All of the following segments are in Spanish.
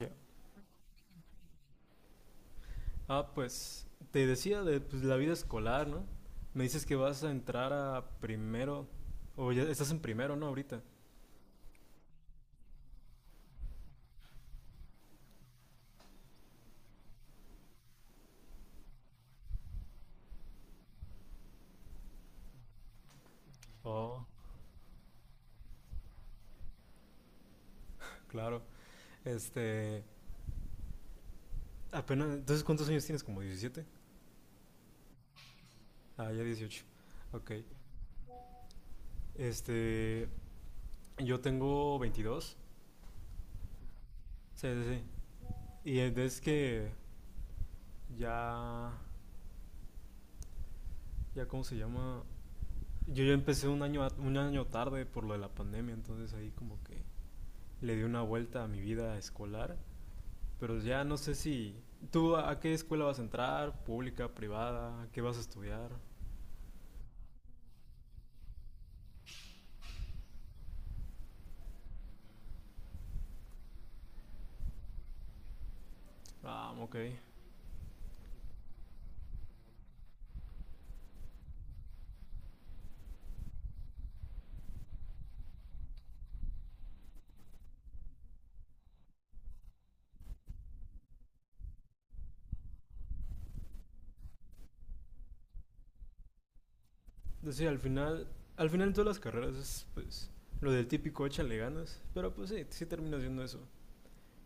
Ya. Ah, pues te decía de pues, la vida escolar, ¿no? Me dices que vas a entrar a primero, o ya estás en primero, ¿no? Ahorita. Oh, claro. Este, apenas, entonces, ¿cuántos años tienes? ¿Como diecisiete? Ah, ya 18. Ok. Este, yo tengo 22. Sí, sí, sí. Y es que ya, ya, ¿cómo se llama? Yo ya empecé un año, un año tarde por lo de la pandemia, entonces ahí como que le di una vuelta a mi vida escolar. Pero ya no sé si... ¿Tú a qué escuela vas a entrar? ¿Pública? ¿Privada? ¿Qué vas a estudiar? Ah, ok. Pues sí, al final... Al final en todas las carreras es pues lo del típico échale ganas. Pero pues sí, sí termino haciendo eso.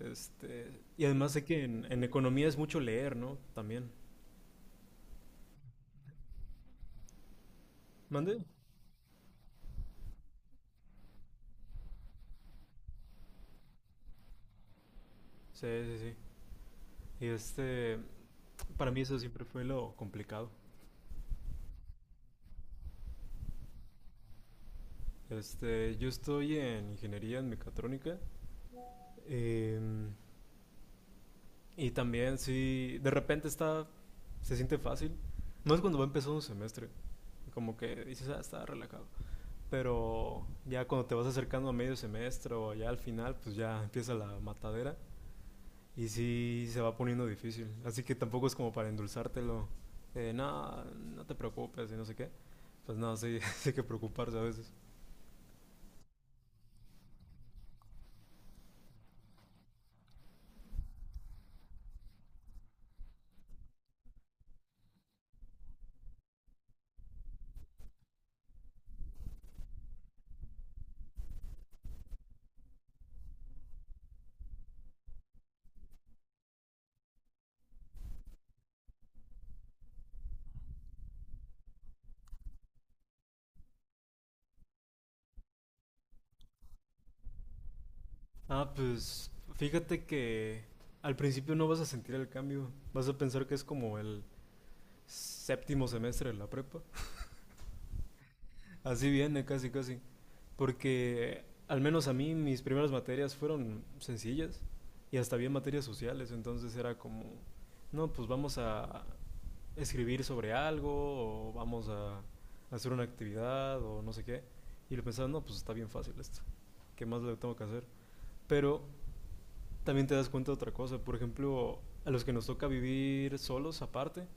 Este, y además sé que en economía es mucho leer, ¿no? También. ¿Mande? Sí, sí, sí. Y este, para mí eso siempre fue lo complicado. Este, yo estoy en ingeniería en mecatrónica. em, Y también, sí, de repente está, se siente fácil. No es cuando va empezando un semestre, como que dices, ah, está relajado. Pero ya cuando te vas acercando a medio semestre o ya al final, pues ya empieza la matadera y sí se va poniendo difícil. Así que tampoco es como para endulzártelo, no, no te preocupes y no sé qué. Pues no, sí, sí hay que preocuparse a veces. Ah, pues fíjate que al principio no vas a sentir el cambio, vas a pensar que es como el séptimo semestre de la prepa. Así viene, casi, casi. Porque al menos a mí mis primeras materias fueron sencillas y hasta bien materias sociales, entonces era como, no, pues vamos a escribir sobre algo o vamos a hacer una actividad o no sé qué. Y lo pensaba, no, pues está bien fácil esto. ¿Qué más le tengo que hacer? Pero también te das cuenta de otra cosa. Por ejemplo, a los que nos toca vivir solos aparte,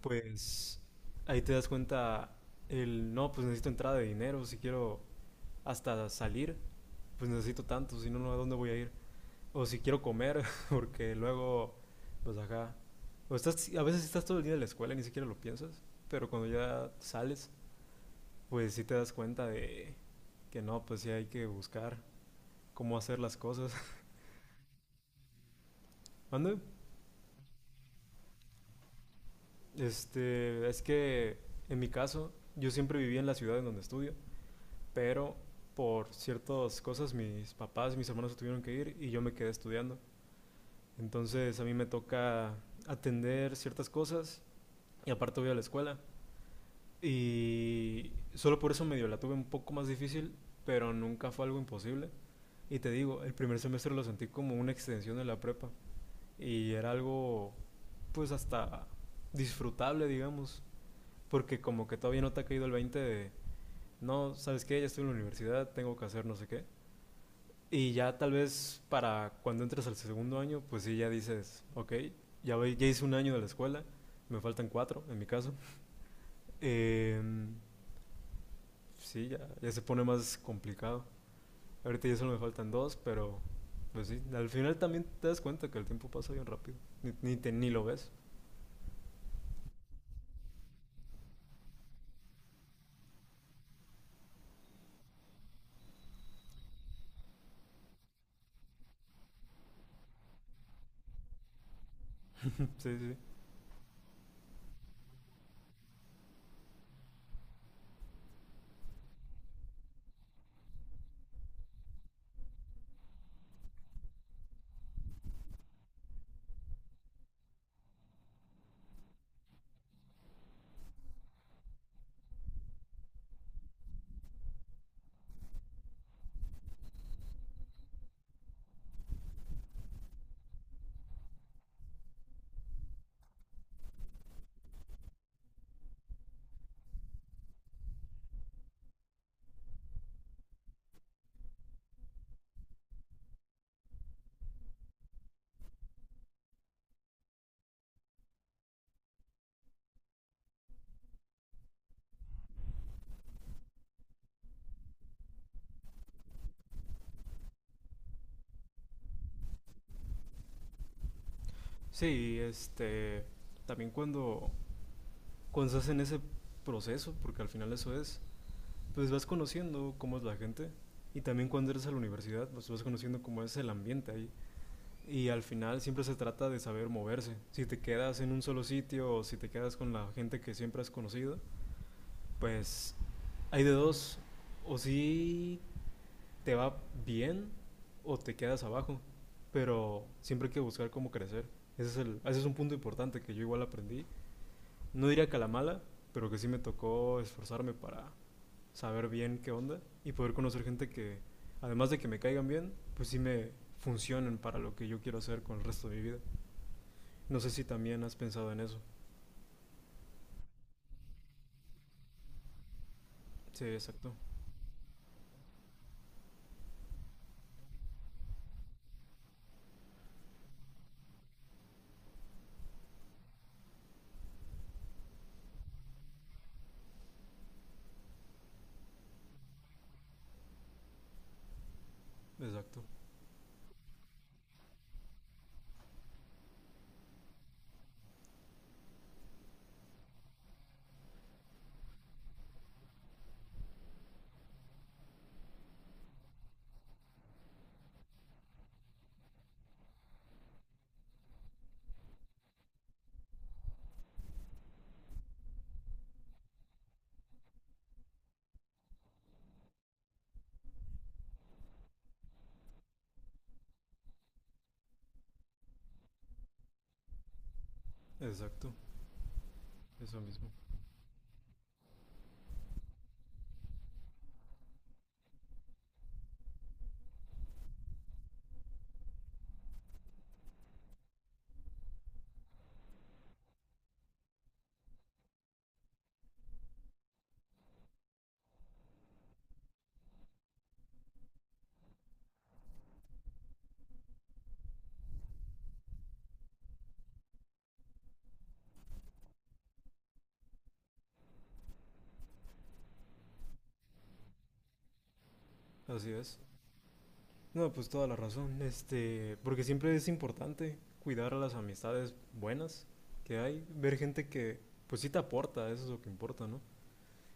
pues ahí te das cuenta el, no, pues necesito entrada de dinero, si quiero hasta salir, pues necesito tanto, si no, no, ¿a dónde voy a ir? O si quiero comer, porque luego, pues acá, o estás, a veces estás todo el día en la escuela y ni siquiera lo piensas, pero cuando ya sales, pues sí te das cuenta de que no, pues sí hay que buscar cómo hacer las cosas. ¿Mande? Este, es que en mi caso, yo siempre viví en la ciudad en donde estudio, pero por ciertas cosas mis papás y mis hermanos se tuvieron que ir y yo me quedé estudiando. Entonces a mí me toca atender ciertas cosas y aparte voy a la escuela. Y solo por eso medio la tuve un poco más difícil, pero nunca fue algo imposible. Y te digo, el primer semestre lo sentí como una extensión de la prepa y era algo pues hasta disfrutable, digamos, porque como que todavía no te ha caído el 20 de, no, ¿sabes qué? Ya estoy en la universidad, tengo que hacer no sé qué. Y ya tal vez para cuando entres al segundo año, pues sí, ya dices, ok, ya, ya hice un año de la escuela, me faltan cuatro en mi caso. Eh, sí, ya, ya se pone más complicado. Ahorita ya solo me faltan dos, pero pues sí, al final también te das cuenta que el tiempo pasa bien rápido, ni, ni lo ves. Sí, sí. Sí, este, también cuando, cuando estás en ese proceso, porque al final eso es, pues vas conociendo cómo es la gente y también cuando eres a la universidad, pues vas conociendo cómo es el ambiente ahí. Y al final siempre se trata de saber moverse. Si te quedas en un solo sitio o si te quedas con la gente que siempre has conocido, pues hay de dos. O si te va bien o te quedas abajo. Pero siempre hay que buscar cómo crecer. Ese es, el, ese es un punto importante que yo igual aprendí, no diría que a la mala, pero que sí me tocó esforzarme para saber bien qué onda y poder conocer gente que, además de que me caigan bien, pues sí me funcionen para lo que yo quiero hacer con el resto de mi vida. No sé si también has pensado en eso. Sí, exacto, exacto, exacto, eso mismo. Así es. No, pues toda la razón. Este, porque siempre es importante cuidar a las amistades buenas que hay, ver gente que pues sí te aporta, eso es lo que importa, ¿no?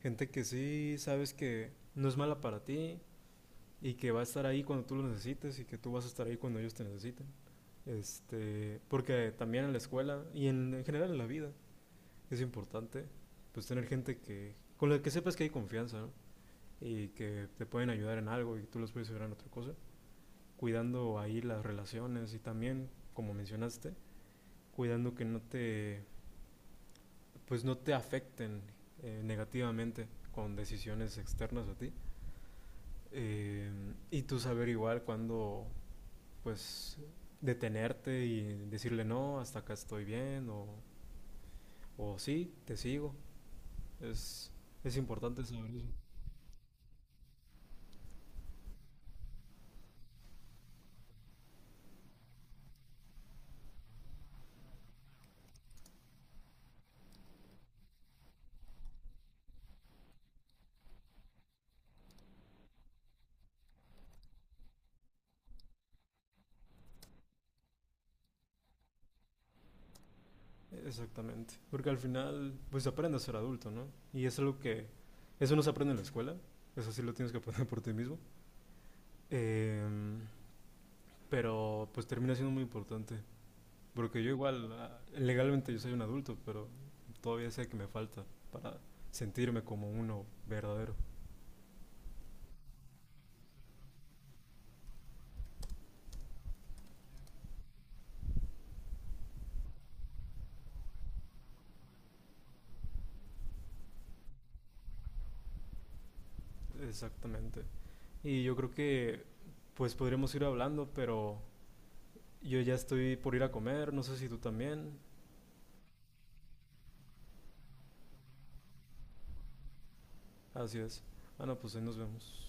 Gente que sí sabes que no es mala para ti y que va a estar ahí cuando tú lo necesites y que tú vas a estar ahí cuando ellos te necesiten. Este, porque también en la escuela y en general en la vida es importante pues tener gente que con la que sepas que hay confianza, ¿no? Y que te pueden ayudar en algo y tú los puedes ayudar en otra cosa, cuidando ahí las relaciones y también, como mencionaste, cuidando que no te afecten, negativamente, con decisiones externas a ti. eh, y tú saber igual cuándo, pues, detenerte y decirle no, hasta acá estoy bien, o sí, te sigo. Es, es importante saber eso. Exactamente. Porque al final, pues aprende a ser adulto, ¿no? Y es algo que, eso no se aprende en la escuela, eso sí lo tienes que aprender por ti mismo. Em, pero pues termina siendo muy importante. Porque yo igual, ah, legalmente yo soy un adulto, pero todavía sé que me falta para sentirme como uno verdadero. Exactamente. Y yo creo que pues podríamos ir hablando, pero yo ya estoy por ir a comer, no sé si tú también. Así es. Bueno, pues ahí nos vemos.